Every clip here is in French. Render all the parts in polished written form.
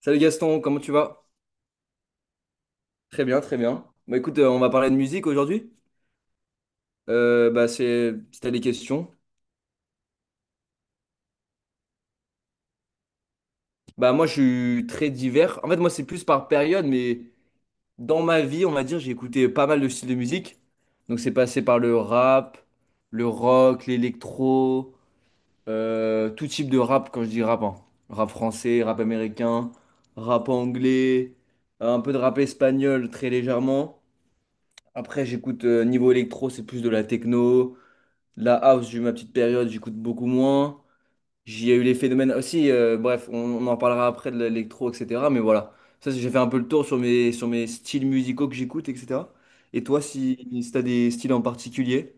Salut Gaston, comment tu vas? Très bien, très bien. Bah écoute, on va parler de musique aujourd'hui. Bah c'est, si t'as des questions. Bah moi je suis très divers. En fait moi c'est plus par période, mais dans ma vie on va dire j'ai écouté pas mal de styles de musique. Donc c'est passé par le rap, le rock, l'électro, tout type de rap quand je dis rap, hein. Rap français, rap américain, rap anglais, un peu de rap espagnol très légèrement. Après j'écoute niveau électro c'est plus de la techno. La house, j'ai eu ma petite période, j'écoute beaucoup moins. J'y ai eu les phénomènes aussi. Bref, on en parlera après de l'électro, etc. Mais voilà, ça, j'ai fait un peu le tour sur mes styles musicaux que j'écoute, etc. Et toi, si tu as des styles en particulier?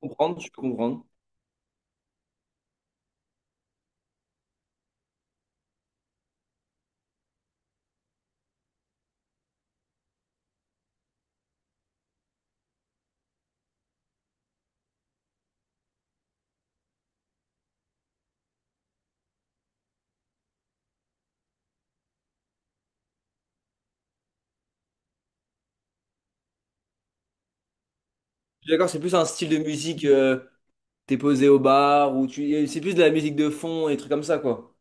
Comprendre, je peux comprendre. Je suis d'accord, c'est plus un style de musique, t'es posé au bar, ou tu, c'est plus de la musique de fond et des trucs comme ça, quoi.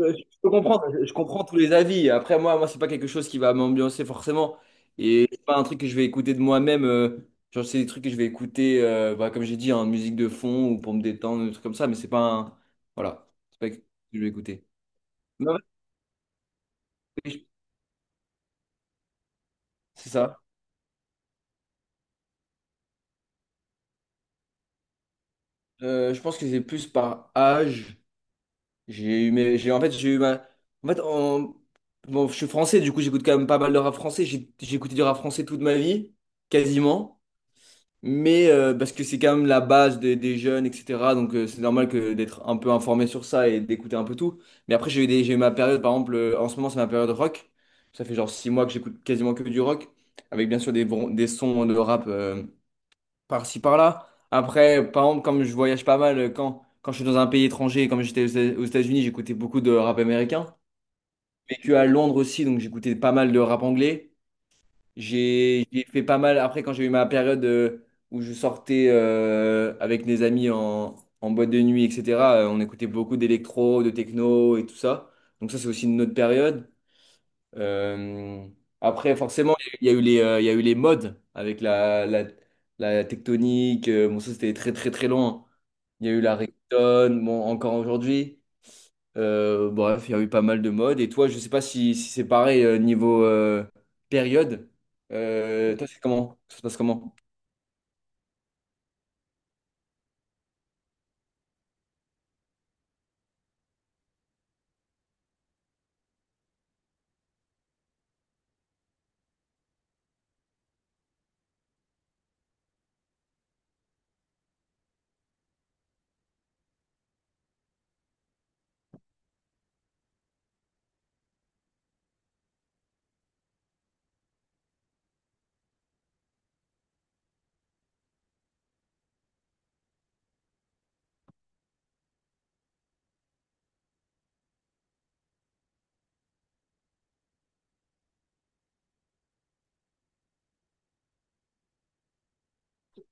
Je peux comprendre, je comprends tous les avis. Après, moi, c'est pas quelque chose qui va m'ambiancer forcément. Et c'est pas un truc que je vais écouter de moi-même. Genre, c'est des trucs que je vais écouter, bah, comme j'ai dit, en musique de fond ou pour me détendre, des trucs comme ça. Mais c'est pas un. Voilà. C'est pas quelque chose que je vais écouter. Mais en fait, c'est ça. Je pense que c'est plus par âge. J'ai eu mes. J'ai, en fait, j'ai eu ma. En fait, bon, je suis français, du coup, j'écoute quand même pas mal de rap français. J'ai écouté du rap français toute ma vie, quasiment. Mais parce que c'est quand même la base des jeunes, etc. Donc c'est normal que d'être un peu informé sur ça et d'écouter un peu tout. Mais après j'ai eu ma période, par exemple, en ce moment c'est ma période rock. Ça fait genre 6 mois que j'écoute quasiment que du rock, avec bien sûr des sons de rap par-ci par-là. Après, par exemple, comme je voyage pas mal, quand je suis dans un pays étranger, comme j'étais aux États-Unis, j'écoutais beaucoup de rap américain. J'ai vécu à Londres aussi, donc j'écoutais pas mal de rap anglais. J'ai fait pas mal. Après, quand j'ai eu ma période où je sortais avec des amis en boîte de nuit, etc., on écoutait beaucoup d'électro, de techno et tout ça. Donc, ça, c'est aussi une autre période. Euh, Après, forcément, il y a eu les modes avec la tectonique. Bon, ça, c'était très, très, très loin. Il y a eu la reggaeton, bon, encore aujourd'hui. Bref, il y a eu pas mal de modes. Et toi, je sais pas si c'est pareil niveau période. Toi, c'est comment? Ça se passe comment?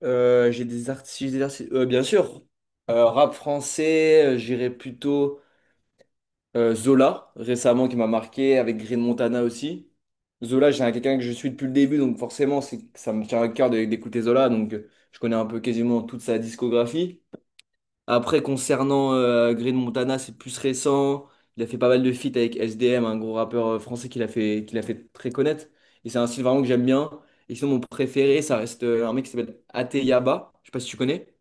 J'ai des artistes, bien sûr. Rap français, j'irais plutôt Zola, récemment, qui m'a marqué, avec Green Montana aussi. Zola, quelqu'un que je suis depuis le début, donc forcément, c'est, ça me tient à cœur d'écouter Zola, donc je connais un peu quasiment toute sa discographie. Après, concernant Green Montana, c'est plus récent. Il a fait pas mal de feats avec SDM, un gros rappeur français qu'il a fait très connaître. Et c'est un style vraiment que j'aime bien. Et sinon, mon préféré, ça reste un mec qui s'appelle Ateyaba. Je sais pas si tu connais.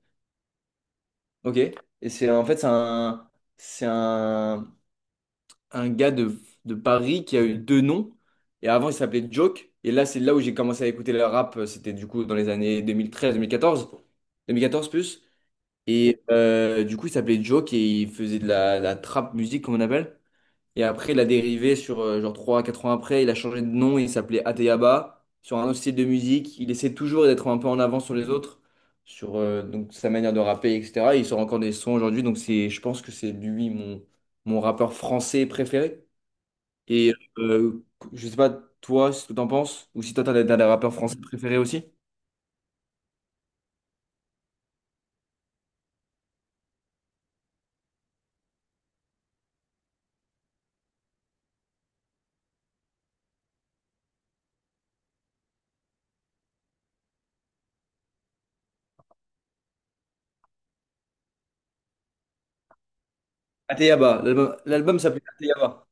Ok. Et c'est en fait, c'est un, un gars de Paris qui a eu deux noms. Et avant, il s'appelait Joke. Et là, c'est là où j'ai commencé à écouter le rap. C'était du coup dans les années 2013-2014. 2014 plus. Et du coup, il s'appelait Joke et il faisait de la trap musique, comme on appelle. Et après, il a dérivé sur genre 3, 4 ans après. Il a changé de nom, il s'appelait Ateyaba. Sur un autre style de musique, il essaie toujours d'être un peu en avant sur les autres, sur donc, sa manière de rapper, etc. Et il sort encore des sons aujourd'hui, donc c'est, je pense que c'est lui mon rappeur français préféré. Et je sais pas, toi, ce que t'en penses, ou si toi, t'as des rappeurs français préférés aussi? Ateyaba, l'album s'appelait Ateyaba.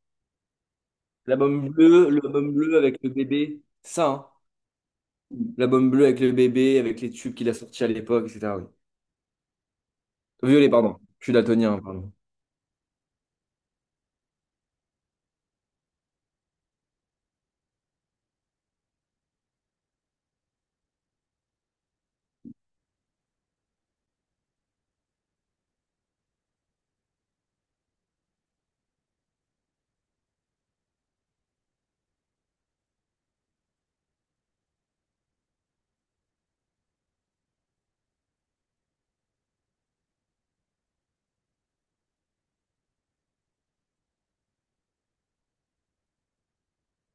L'album bleu avec le bébé, c'est ça, hein? L'album bleu avec le bébé, avec les tubes qu'il a sortis à l'époque, etc. Oui. Violet, pardon. Je suis daltonien, hein, pardon.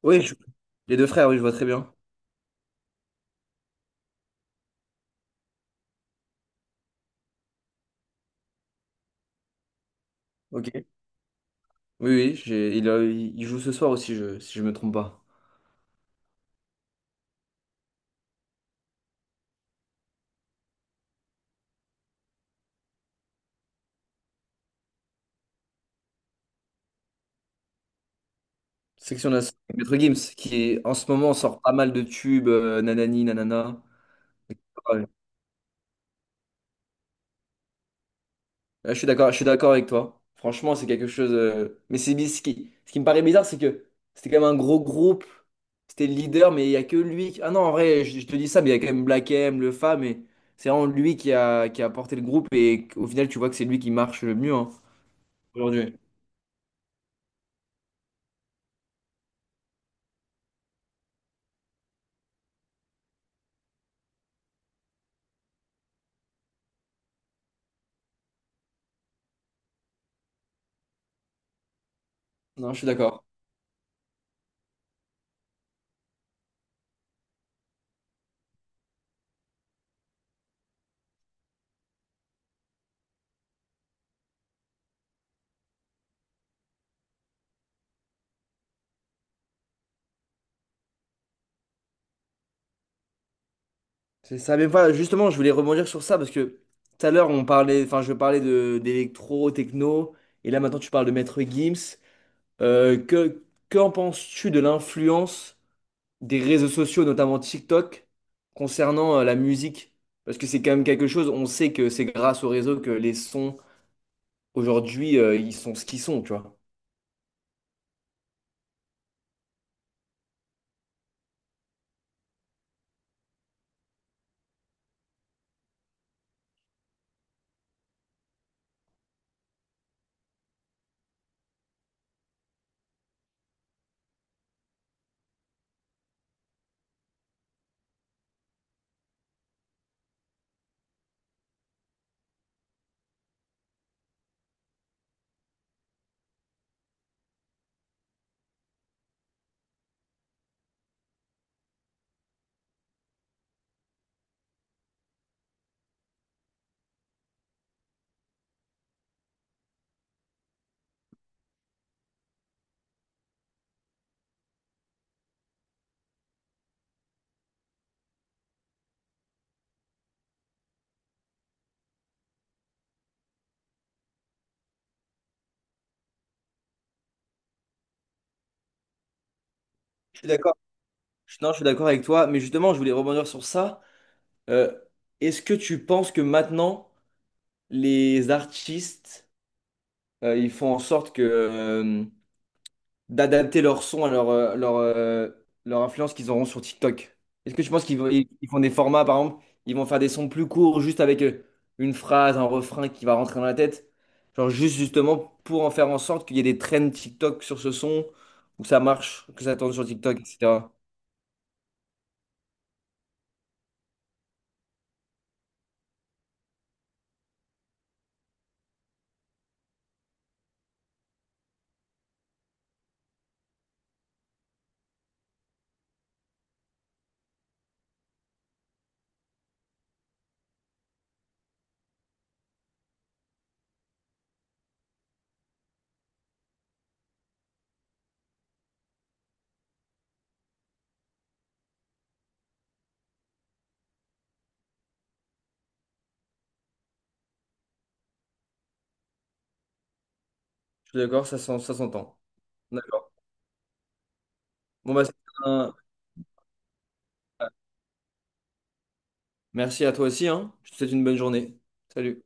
Oui, les deux frères, oui, je vois très bien. Ok. Oui, oui, il joue ce soir aussi, si je me trompe pas. Section d'assaut, Maître Gims, en ce moment sort pas mal de tubes, nanani, nanana. Ouais, je suis d'accord, je suis d'accord avec toi. Franchement, c'est quelque chose. Mais ce qui me paraît bizarre, c'est que c'était quand même un gros groupe. C'était le leader, mais il n'y a que lui. Ah non, en vrai, je te dis ça, mais il y a quand même Black M, le Fa, mais c'est vraiment lui qui a porté le groupe. Et au final, tu vois que c'est lui qui marche le mieux, hein, aujourd'hui. Non, je suis d'accord. C'est ça. Mais voilà, justement, je voulais rebondir sur ça parce que tout à l'heure, on parlait, enfin, je parlais de d'électro, techno. Et là, maintenant, tu parles de Maître Gims. Euh, que, Qu'en penses-tu de l'influence des réseaux sociaux, notamment TikTok, concernant la musique? Parce que c'est quand même quelque chose, on sait que c'est grâce aux réseaux que les sons, aujourd'hui, ils sont ce qu'ils sont, tu vois. Je suis d'accord. Non, je suis d'accord avec toi, mais justement, je voulais rebondir sur ça. Euh, Est-ce que tu penses que maintenant, les artistes, ils font en sorte d'adapter leur son à leur influence qu'ils auront sur TikTok? Est-ce que tu penses ils font des formats, par exemple, ils vont faire des sons plus courts juste avec une phrase, un refrain qui va rentrer dans la tête? Genre juste justement pour en faire en sorte qu'il y ait des trends TikTok sur ce son, ou que ça marche, que ça tourne sur TikTok, etc. Je suis d'accord, ça s'entend. D'accord. Bon, bah un- Merci à toi aussi, hein. Je te souhaite une bonne journée. Salut.